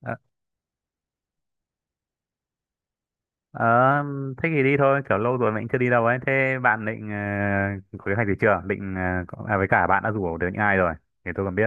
Ờ, ờ, Thế thì đi thôi, kiểu lâu rồi mình chưa đi đâu ấy. Thế bạn định có kế hoạch gì chưa? Định với cả bạn đã rủ được những ai rồi thì tôi còn biết.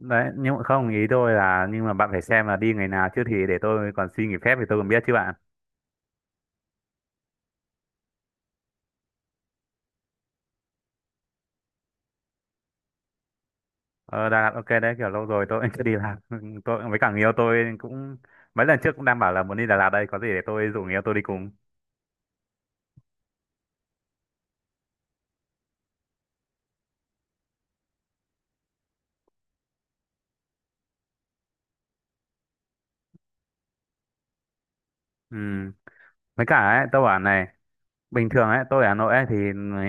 Đấy, nhưng mà không, ý tôi là nhưng mà bạn phải xem là đi ngày nào chứ, thì để tôi còn xin nghỉ phép thì tôi còn biết chứ bạn. Ờ đã ok đấy, kiểu lâu rồi tôi cũng chưa đi làm. Tôi với cả người yêu tôi cũng mấy lần trước cũng đang bảo là muốn đi Đà Lạt đây, có gì để tôi rủ người yêu tôi đi cùng. Ừ. Với cả ấy, tôi bảo này, bình thường ấy tôi ở Hà Nội ấy, thì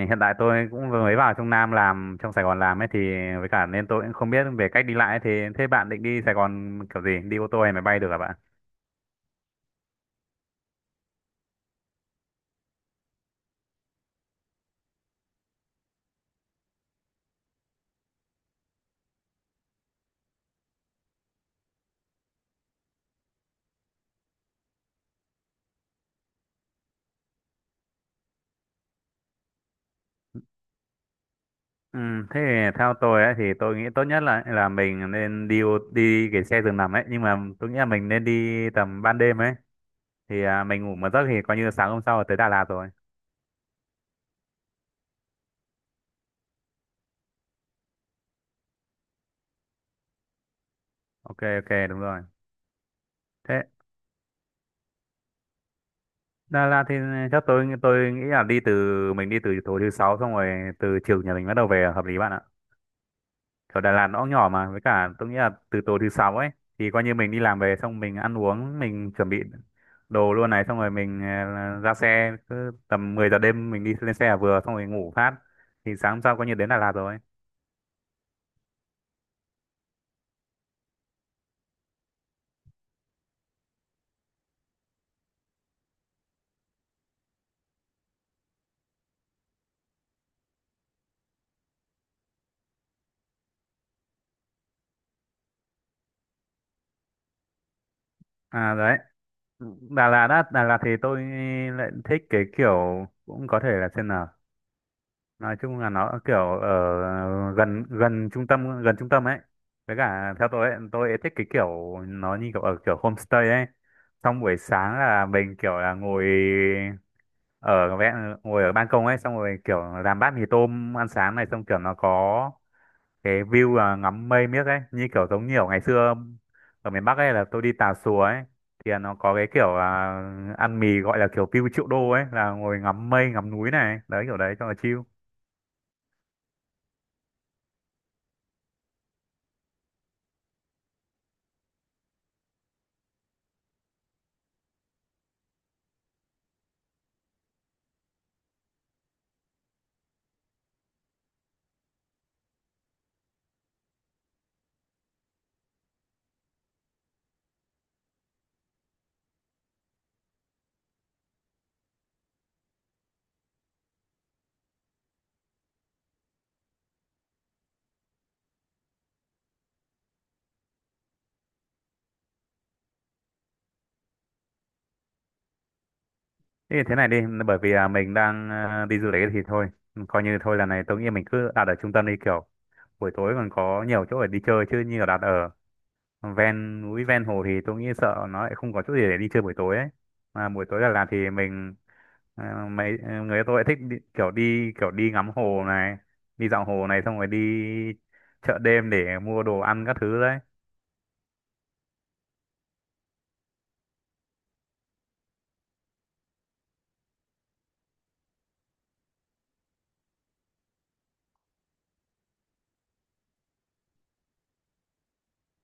hiện tại tôi cũng vừa mới vào trong Nam làm, trong Sài Gòn làm ấy, thì với cả nên tôi cũng không biết về cách đi lại ấy, thì thế bạn định đi Sài Gòn kiểu gì, đi ô tô hay máy bay được hả bạn? Ừ, thế thì theo tôi ấy, thì tôi nghĩ tốt nhất là mình nên đi đi cái xe giường nằm ấy, nhưng mà tôi nghĩ là mình nên đi tầm ban đêm ấy, thì mình ngủ một giấc thì coi như sáng hôm sau là tới Đà Lạt rồi. Ok ok, đúng rồi. Thế Đà Lạt thì chắc tôi nghĩ là đi từ mình đi từ tối thứ sáu, xong rồi từ chiều nhà mình bắt đầu về là hợp lý bạn ạ. Kiểu Đà Lạt nó cũng nhỏ mà, với cả tôi nghĩ là từ tối thứ sáu ấy thì coi như mình đi làm về, xong mình ăn uống mình chuẩn bị đồ luôn này, xong rồi mình ra xe cứ tầm 10 giờ đêm mình đi lên xe là vừa, xong rồi ngủ phát thì sáng hôm sau coi như đến Đà Lạt rồi. À đấy, Đà Lạt á, Đà Lạt thì tôi lại thích cái kiểu, cũng có thể là xem nào, nói chung là nó kiểu ở gần gần trung tâm, ấy, với cả theo tôi ấy thích cái kiểu nó như kiểu ở kiểu homestay ấy, xong buổi sáng là mình kiểu là ngồi ở ngồi ở ban công ấy, xong rồi kiểu làm bát mì tôm ăn sáng này, xong kiểu nó có cái view là ngắm mây miếc ấy, như kiểu giống như ở ngày xưa ở miền Bắc ấy là tôi đi Tà Xùa ấy thì nó có cái kiểu là ăn mì gọi là kiểu view triệu đô ấy, là ngồi ngắm mây ngắm núi này, đấy kiểu đấy cho là chill. Thế thì thế này đi, bởi vì mình đang đi du lịch thì thôi, coi như thôi lần này tôi nghĩ mình cứ đặt ở trung tâm đi, kiểu buổi tối còn có nhiều chỗ để đi chơi, chứ như là đặt ở ven núi ven hồ thì tôi nghĩ sợ nó lại không có chỗ gì để đi chơi buổi tối ấy. Mà buổi tối Đà Lạt thì mình người tôi lại thích đi, kiểu đi kiểu đi ngắm hồ này, đi dạo hồ này, xong rồi đi chợ đêm để mua đồ ăn các thứ đấy.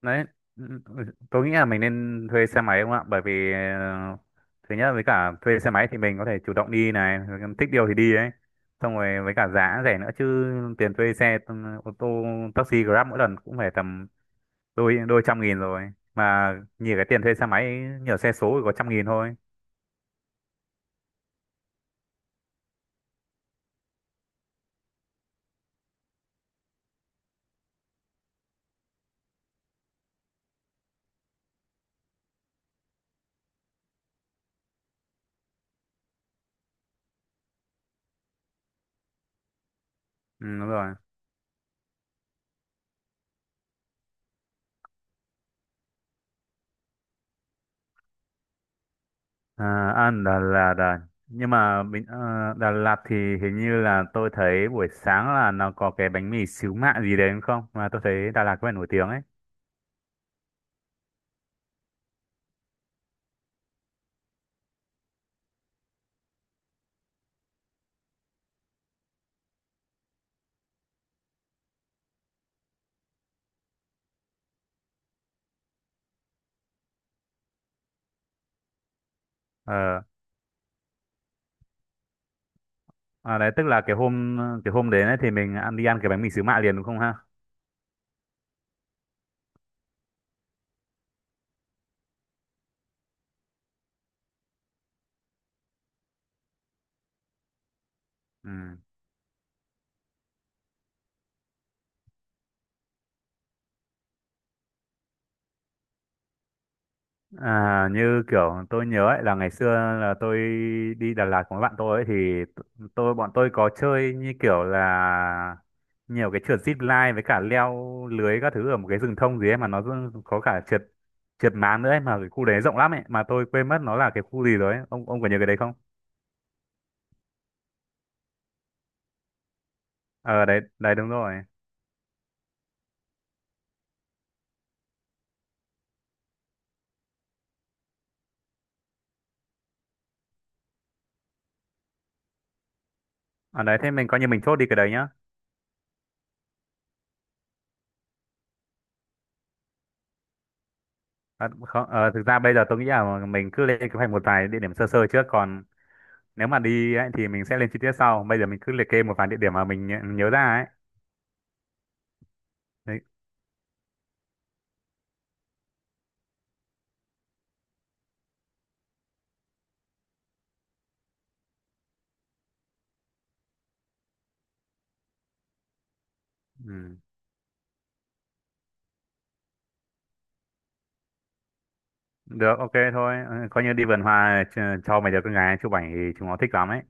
Đấy, ừ, tôi nghĩ là mình nên thuê xe máy không ạ, bởi vì thứ nhất với cả thuê xe máy thì mình có thể chủ động đi này, thích điều thì đi ấy, xong rồi với cả giá rẻ nữa chứ, tiền thuê xe ô tô taxi Grab mỗi lần cũng phải tầm đôi đôi 100.000 rồi mà, nhìn cái tiền thuê xe máy nhờ xe số thì có 100.000 thôi. Ừ, đúng rồi. à, Đà Lạt à. Nhưng mà bình- ờ, Đà Lạt thì hình như là tôi thấy buổi sáng là nó có cái bánh mì xíu mại gì đấy đúng không, mà tôi thấy Đà Lạt có vẻ nổi tiếng ấy. Ờ, đấy tức là cái hôm đến ấy thì mình ăn đi ăn cái bánh mì xíu mại liền đúng không ha. Ừ. À, như kiểu tôi nhớ ấy là ngày xưa là tôi đi Đà Lạt cùng với bạn tôi ấy thì tôi bọn tôi có chơi như kiểu là nhiều cái trượt zip line với cả leo lưới các thứ ở một cái rừng thông gì ấy, mà nó có cả trượt trượt máng nữa ấy, mà cái khu đấy rộng lắm ấy, mà tôi quên mất nó là cái khu gì rồi ấy. Ông có nhớ cái đấy không? Ờ đấy đấy, đúng rồi. Ở đấy, thế mình coi như mình chốt đi cái đấy nhá. À, không, thực ra bây giờ tôi nghĩ là mình cứ lên kế hoạch một vài địa điểm sơ sơ trước, còn nếu mà đi ấy thì mình sẽ lên chi tiết sau, bây giờ mình cứ liệt kê một vài địa điểm mà mình nhớ nhớ ra ấy. Đấy. Ừ. Được ok thôi. Ừ, coi như đi vườn hoa cho mấy đứa con gái chụp ảnh thì chúng nó thích lắm ấy.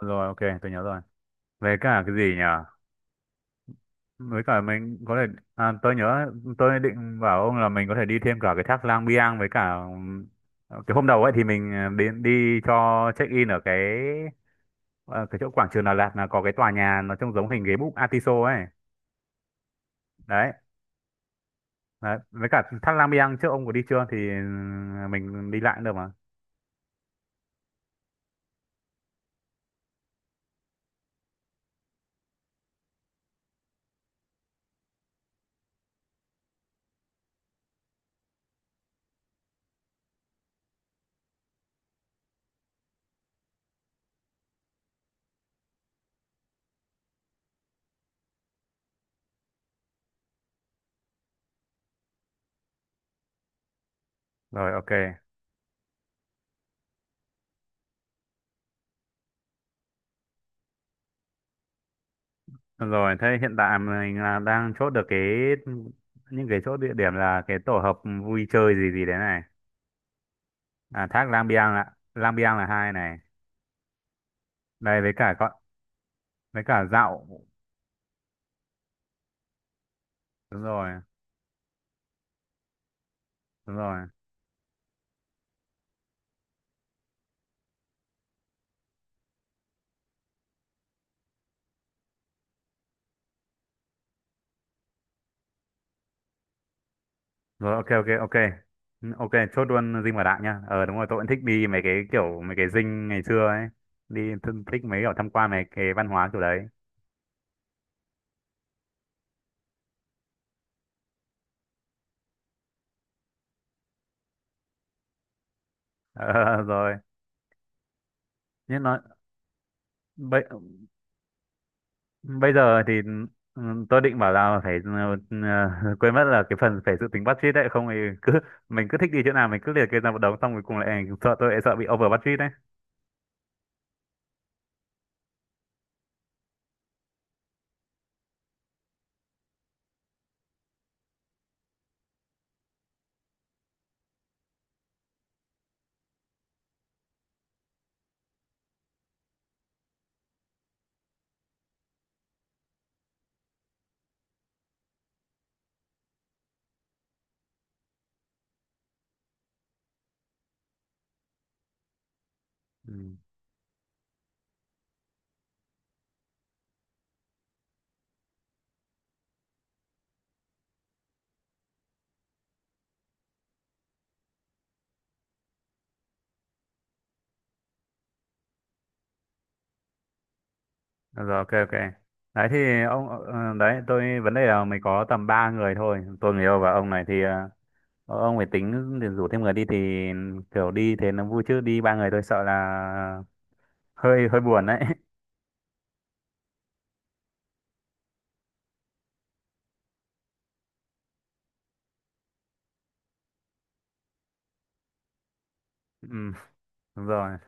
Rồi ok, tôi nhớ rồi. Về cả cái gì nhỉ, với cả mình có thể tôi nhớ tôi định bảo ông là mình có thể đi thêm cả cái thác Lang Biang với cả cái hôm đầu ấy thì mình đi đi cho check in ở cái ờ, cái chỗ quảng trường Đà Lạt là có cái tòa nhà nó trông giống hình ghế búp Atiso ấy. Đấy. Đấy, với cả thác Lang Biang trước ông có đi chưa thì mình đi lại cũng được mà. Rồi ok. Rồi thế hiện tại mình là đang chốt được cái những cái chỗ địa điểm là cái tổ hợp vui chơi gì gì đấy này. À, thác Lang Biang ạ, Lang Biang là hai này. Đây với cả con với cả dạo. Đúng rồi đúng rồi. Rồi ok ok ok. Ừ, ok chốt luôn dinh và đạm nha. Ờ đúng rồi, tôi cũng thích đi mấy cái kiểu mấy cái dinh ngày xưa ấy, đi thích mấy kiểu tham quan mấy cái văn hóa kiểu đấy. Ờ, rồi. Nhưng nói bây bây giờ thì ừ, tôi định bảo là phải ừ, quên mất là cái phần phải dự tính budget đấy, không thì cứ mình cứ thích đi chỗ nào mình cứ liệt kê ra một đống, xong rồi cùng lại sợ, tôi lại sợ bị over budget đấy. Ừ. Rồi ok ok. Đấy thì ông đấy tôi vấn đề là mình có tầm 3 người thôi, tôi người yêu và ông này thì ông phải tính để rủ thêm người đi thì kiểu đi thế nó vui, chứ đi ba người tôi sợ là hơi hơi buồn đấy. Ừ, đúng rồi,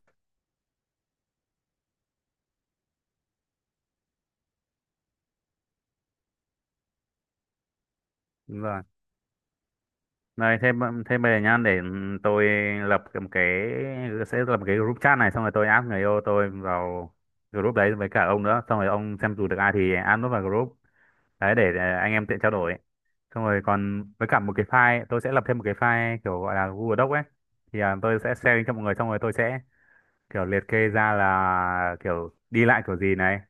đúng rồi. Này thêm thêm về nhá, để ừ, tôi lập một cái sẽ lập một cái group chat này, xong rồi tôi add người yêu tôi vào group đấy với cả ông nữa, xong rồi ông xem dù được ai thì add nó vào group. Đấy để anh em tiện trao đổi, xong rồi còn với cả một cái file, tôi sẽ lập thêm một cái file kiểu gọi là Google Doc ấy, thì tôi sẽ share link cho mọi người, xong rồi tôi sẽ kiểu liệt kê ra là kiểu đi lại kiểu gì này,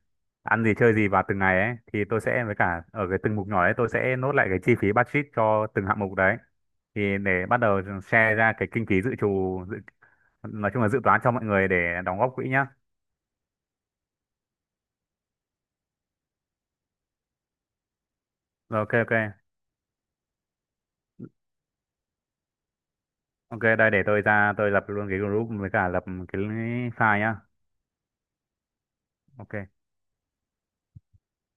ăn gì chơi gì vào từng ngày ấy, thì tôi sẽ với cả ở cái từng mục nhỏ ấy tôi sẽ nốt lại cái chi phí budget cho từng hạng mục đấy, thì để bắt đầu share ra cái kinh phí dự trù nói chung là dự toán cho mọi người để đóng góp quỹ nhá. Rồi ok ok ok. Đây để tôi ra tôi lập luôn cái group với cả lập cái file nhá. Ok.